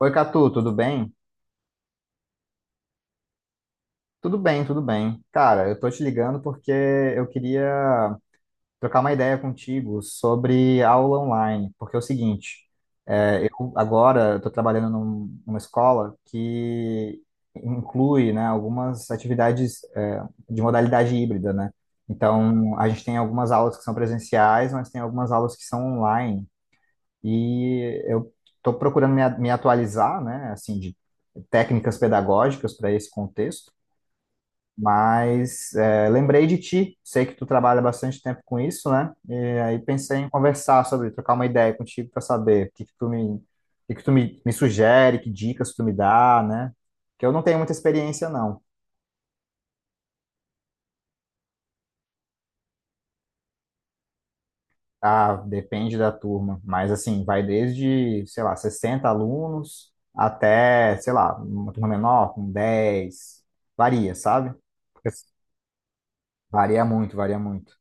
Oi, Catu, tudo bem? Tudo bem, tudo bem. Cara, eu tô te ligando porque eu queria trocar uma ideia contigo sobre aula online, porque é o seguinte, é, eu agora estou trabalhando numa escola que inclui, né, algumas atividades, é, de modalidade híbrida, né? Então, a gente tem algumas aulas que são presenciais, mas tem algumas aulas que são online. E eu estou procurando me atualizar, né, assim, de técnicas pedagógicas para esse contexto, mas é, lembrei de ti, sei que tu trabalha bastante tempo com isso, né, e aí pensei em conversar sobre, trocar uma ideia contigo para saber o que que tu me, me sugere, que dicas tu me dá, né, que eu não tenho muita experiência, não. Ah, depende da turma, mas assim, vai desde, sei lá, 60 alunos até, sei lá, uma turma menor, com 10, varia, sabe? Porque assim, varia muito.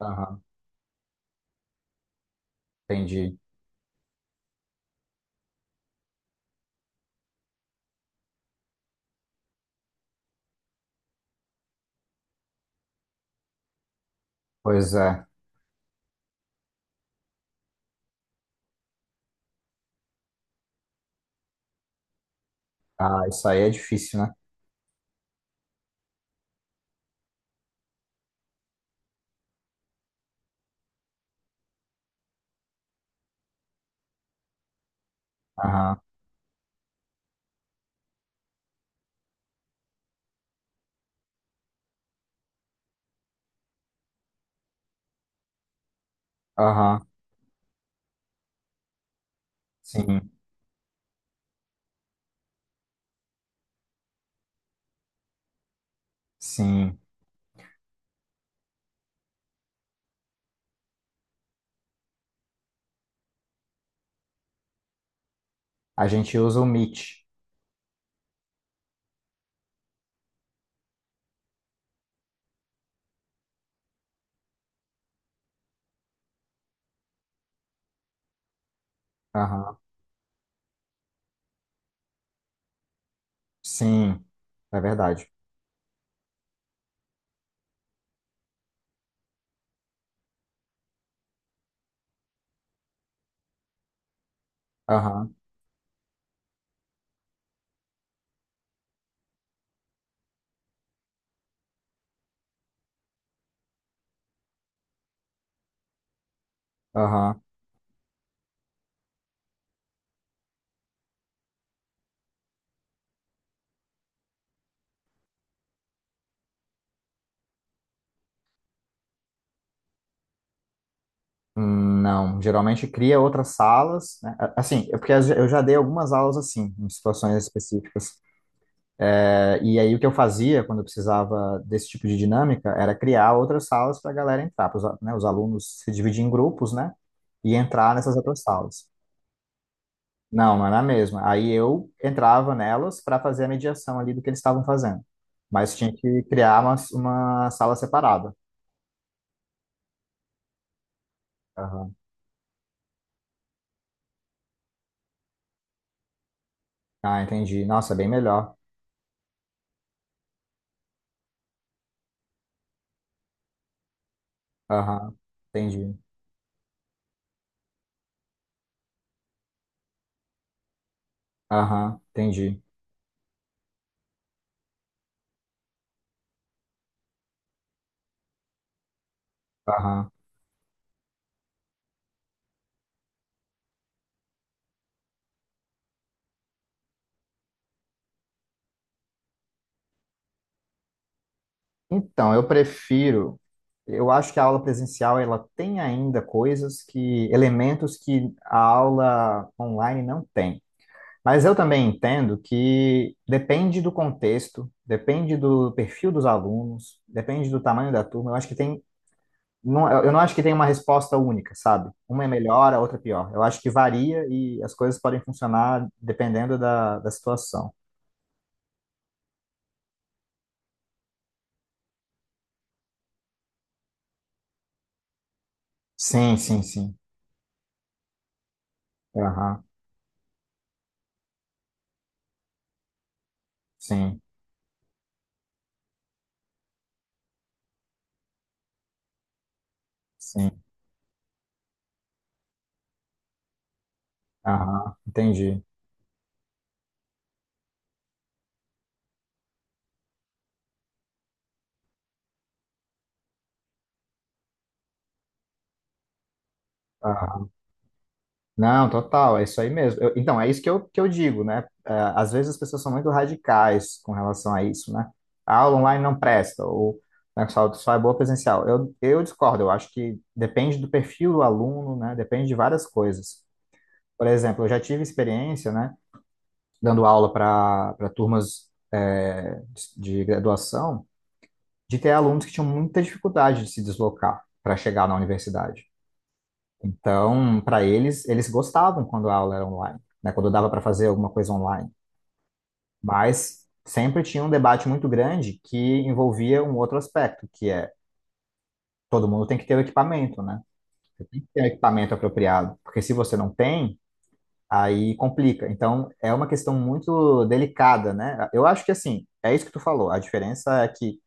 Aham, entendi. Pois é. Ah, isso aí é difícil, né? Aham, aham, sim, sim. A gente usa o Meet. Aham, sim, é verdade. Aham, aham. Não, geralmente cria outras salas, né? Assim, é porque eu já dei algumas aulas assim, em situações específicas. E aí o que eu fazia quando eu precisava desse tipo de dinâmica era criar outras salas para a galera entrar, para né, os alunos se dividir em grupos, né, e entrar nessas outras salas. Não, não era a mesma. Aí eu entrava nelas para fazer a mediação ali do que eles estavam fazendo, mas tinha que criar uma sala separada. Aham. Ah, entendi. Nossa, é bem melhor. Aham, entendi. Aham, entendi. Aham. Então, eu prefiro. Eu acho que a aula presencial ela tem ainda coisas que, elementos que a aula online não tem. Mas eu também entendo que depende do contexto, depende do perfil dos alunos, depende do tamanho da turma. Eu acho que tem, não, eu não acho que tem uma resposta única, sabe? Uma é melhor, a outra é pior. Eu acho que varia e as coisas podem funcionar dependendo da situação. Sim, sim, sim. Aham, sim, sim. Aham, entendi. Aham. Não, total, é isso aí mesmo. Então, é isso que eu digo, né? É, às vezes as pessoas são muito radicais com relação a isso, né? A aula online não presta, ou né, só é boa presencial. Eu discordo, eu acho que depende do perfil do aluno, né? Depende de várias coisas. Por exemplo, eu já tive experiência, né? Dando aula para turmas é, de graduação, de ter alunos que tinham muita dificuldade de se deslocar para chegar na universidade. Então, para eles, eles gostavam quando a aula era online, né? Quando dava para fazer alguma coisa online. Mas sempre tinha um debate muito grande que envolvia um outro aspecto, que é todo mundo tem que ter o equipamento, né? Você tem que ter o equipamento apropriado, porque se você não tem, aí complica. Então, é uma questão muito delicada, né? Eu acho que assim, é isso que tu falou. A diferença é que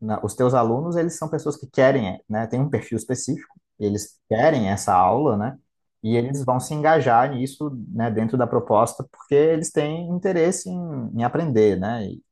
os teus alunos, eles são pessoas que querem, né, tem um perfil específico, eles querem essa aula, né, e eles vão se engajar nisso, né, dentro da proposta, porque eles têm interesse em, em aprender, né, e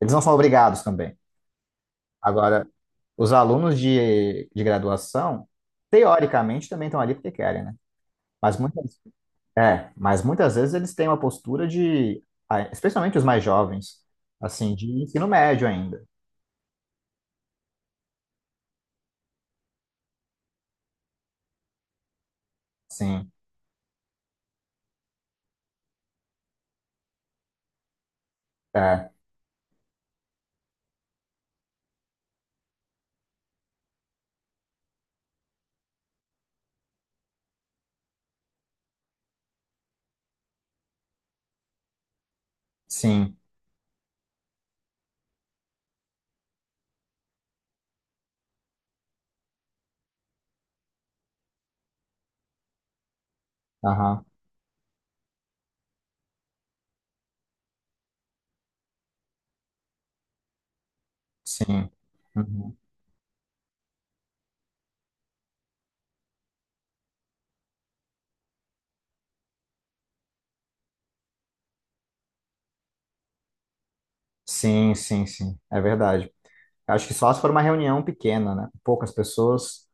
eles não são obrigados também. Agora, os alunos de graduação, teoricamente, também estão ali porque querem, né, mas muitas, é, mas muitas vezes eles têm uma postura de, ah, especialmente os mais jovens, assim, de ensino médio ainda, sim, é, sim. Aham. Sim. Uhum. Sim, sim, sim. É verdade. Acho que só se for uma reunião pequena, né? Poucas pessoas.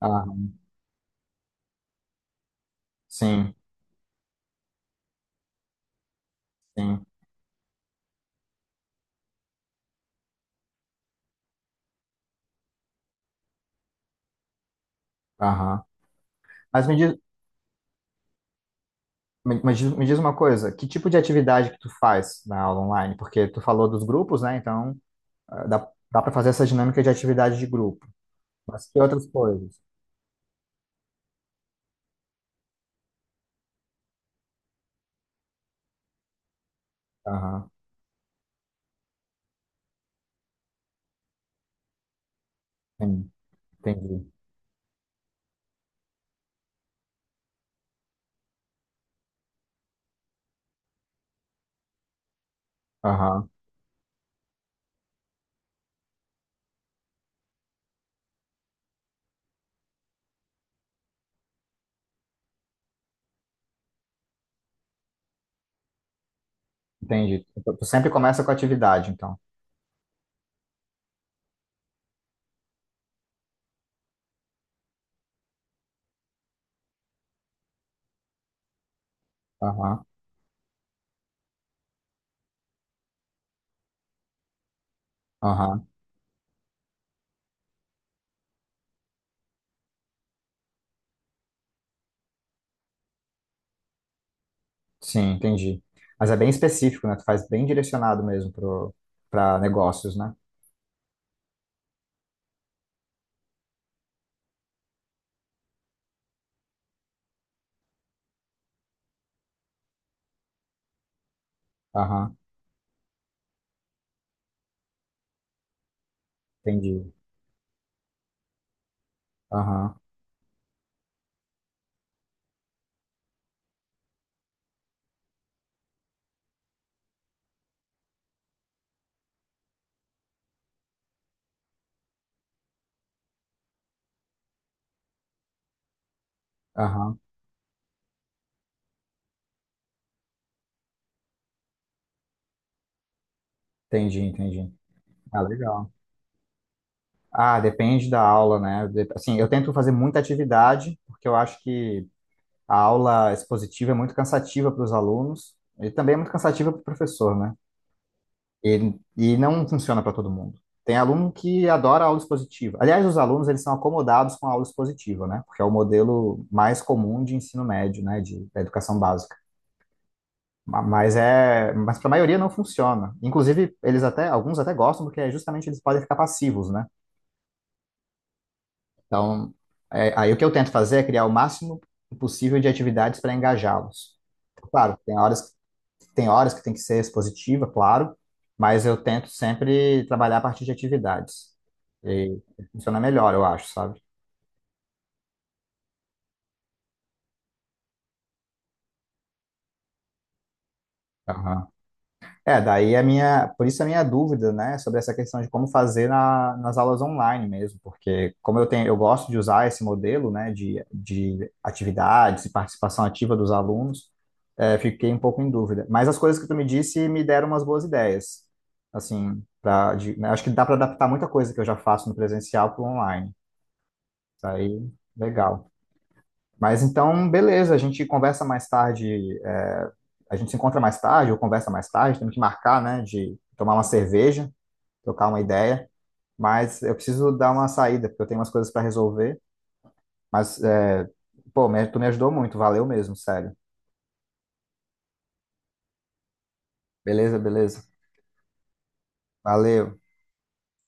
Ah, sim, sim. Aham. Mas me diz, me diz uma coisa, que tipo de atividade que tu faz na aula online? Porque tu falou dos grupos, né? Então, ah, dá, dá para fazer essa dinâmica de atividade de grupo. Mas que outras coisas? Aham, sim, entendi. Aham, entendi. Tu sempre começa com atividade, então. Aham, aham. Sim, entendi. Mas é bem específico, né? Tu faz bem direcionado mesmo pra negócios, né? Aham, entendi. Aham, aham, entendi. Ah, legal. Ah, depende da aula, né? Assim, eu tento fazer muita atividade, porque eu acho que a aula expositiva é muito cansativa para os alunos e também é muito cansativa para o professor, né? E não funciona para todo mundo. Tem aluno que adora aula expositiva. Aliás, os alunos eles são acomodados com a aula expositiva, né? Porque é o modelo mais comum de ensino médio, né? De, da educação básica. Mas para a maioria não funciona. Inclusive, eles até, alguns até gostam porque é justamente eles podem ficar passivos, né? Então, é, aí o que eu tento fazer é criar o máximo possível de atividades para engajá-los. Claro, tem horas, tem horas que tem que ser expositiva, claro, mas eu tento sempre trabalhar a partir de atividades. E funciona melhor, eu acho, sabe? É, daí a minha, por isso a minha dúvida, né, sobre essa questão de como fazer nas aulas online mesmo, porque como eu tenho, eu gosto de usar esse modelo, né, de atividades e participação ativa dos alunos, é, fiquei um pouco em dúvida. Mas as coisas que tu me disse me deram umas boas ideias, assim, pra, de, né, acho que dá para adaptar muita coisa que eu já faço no presencial para o online. Isso aí, legal. Mas então, beleza, a gente conversa mais tarde, é, a gente se encontra mais tarde ou conversa mais tarde, temos que marcar, né, de tomar uma cerveja, trocar uma ideia, mas eu preciso dar uma saída, porque eu tenho umas coisas para resolver, mas, é, pô, tu me ajudou muito, valeu mesmo, sério. Beleza, beleza. Valeu.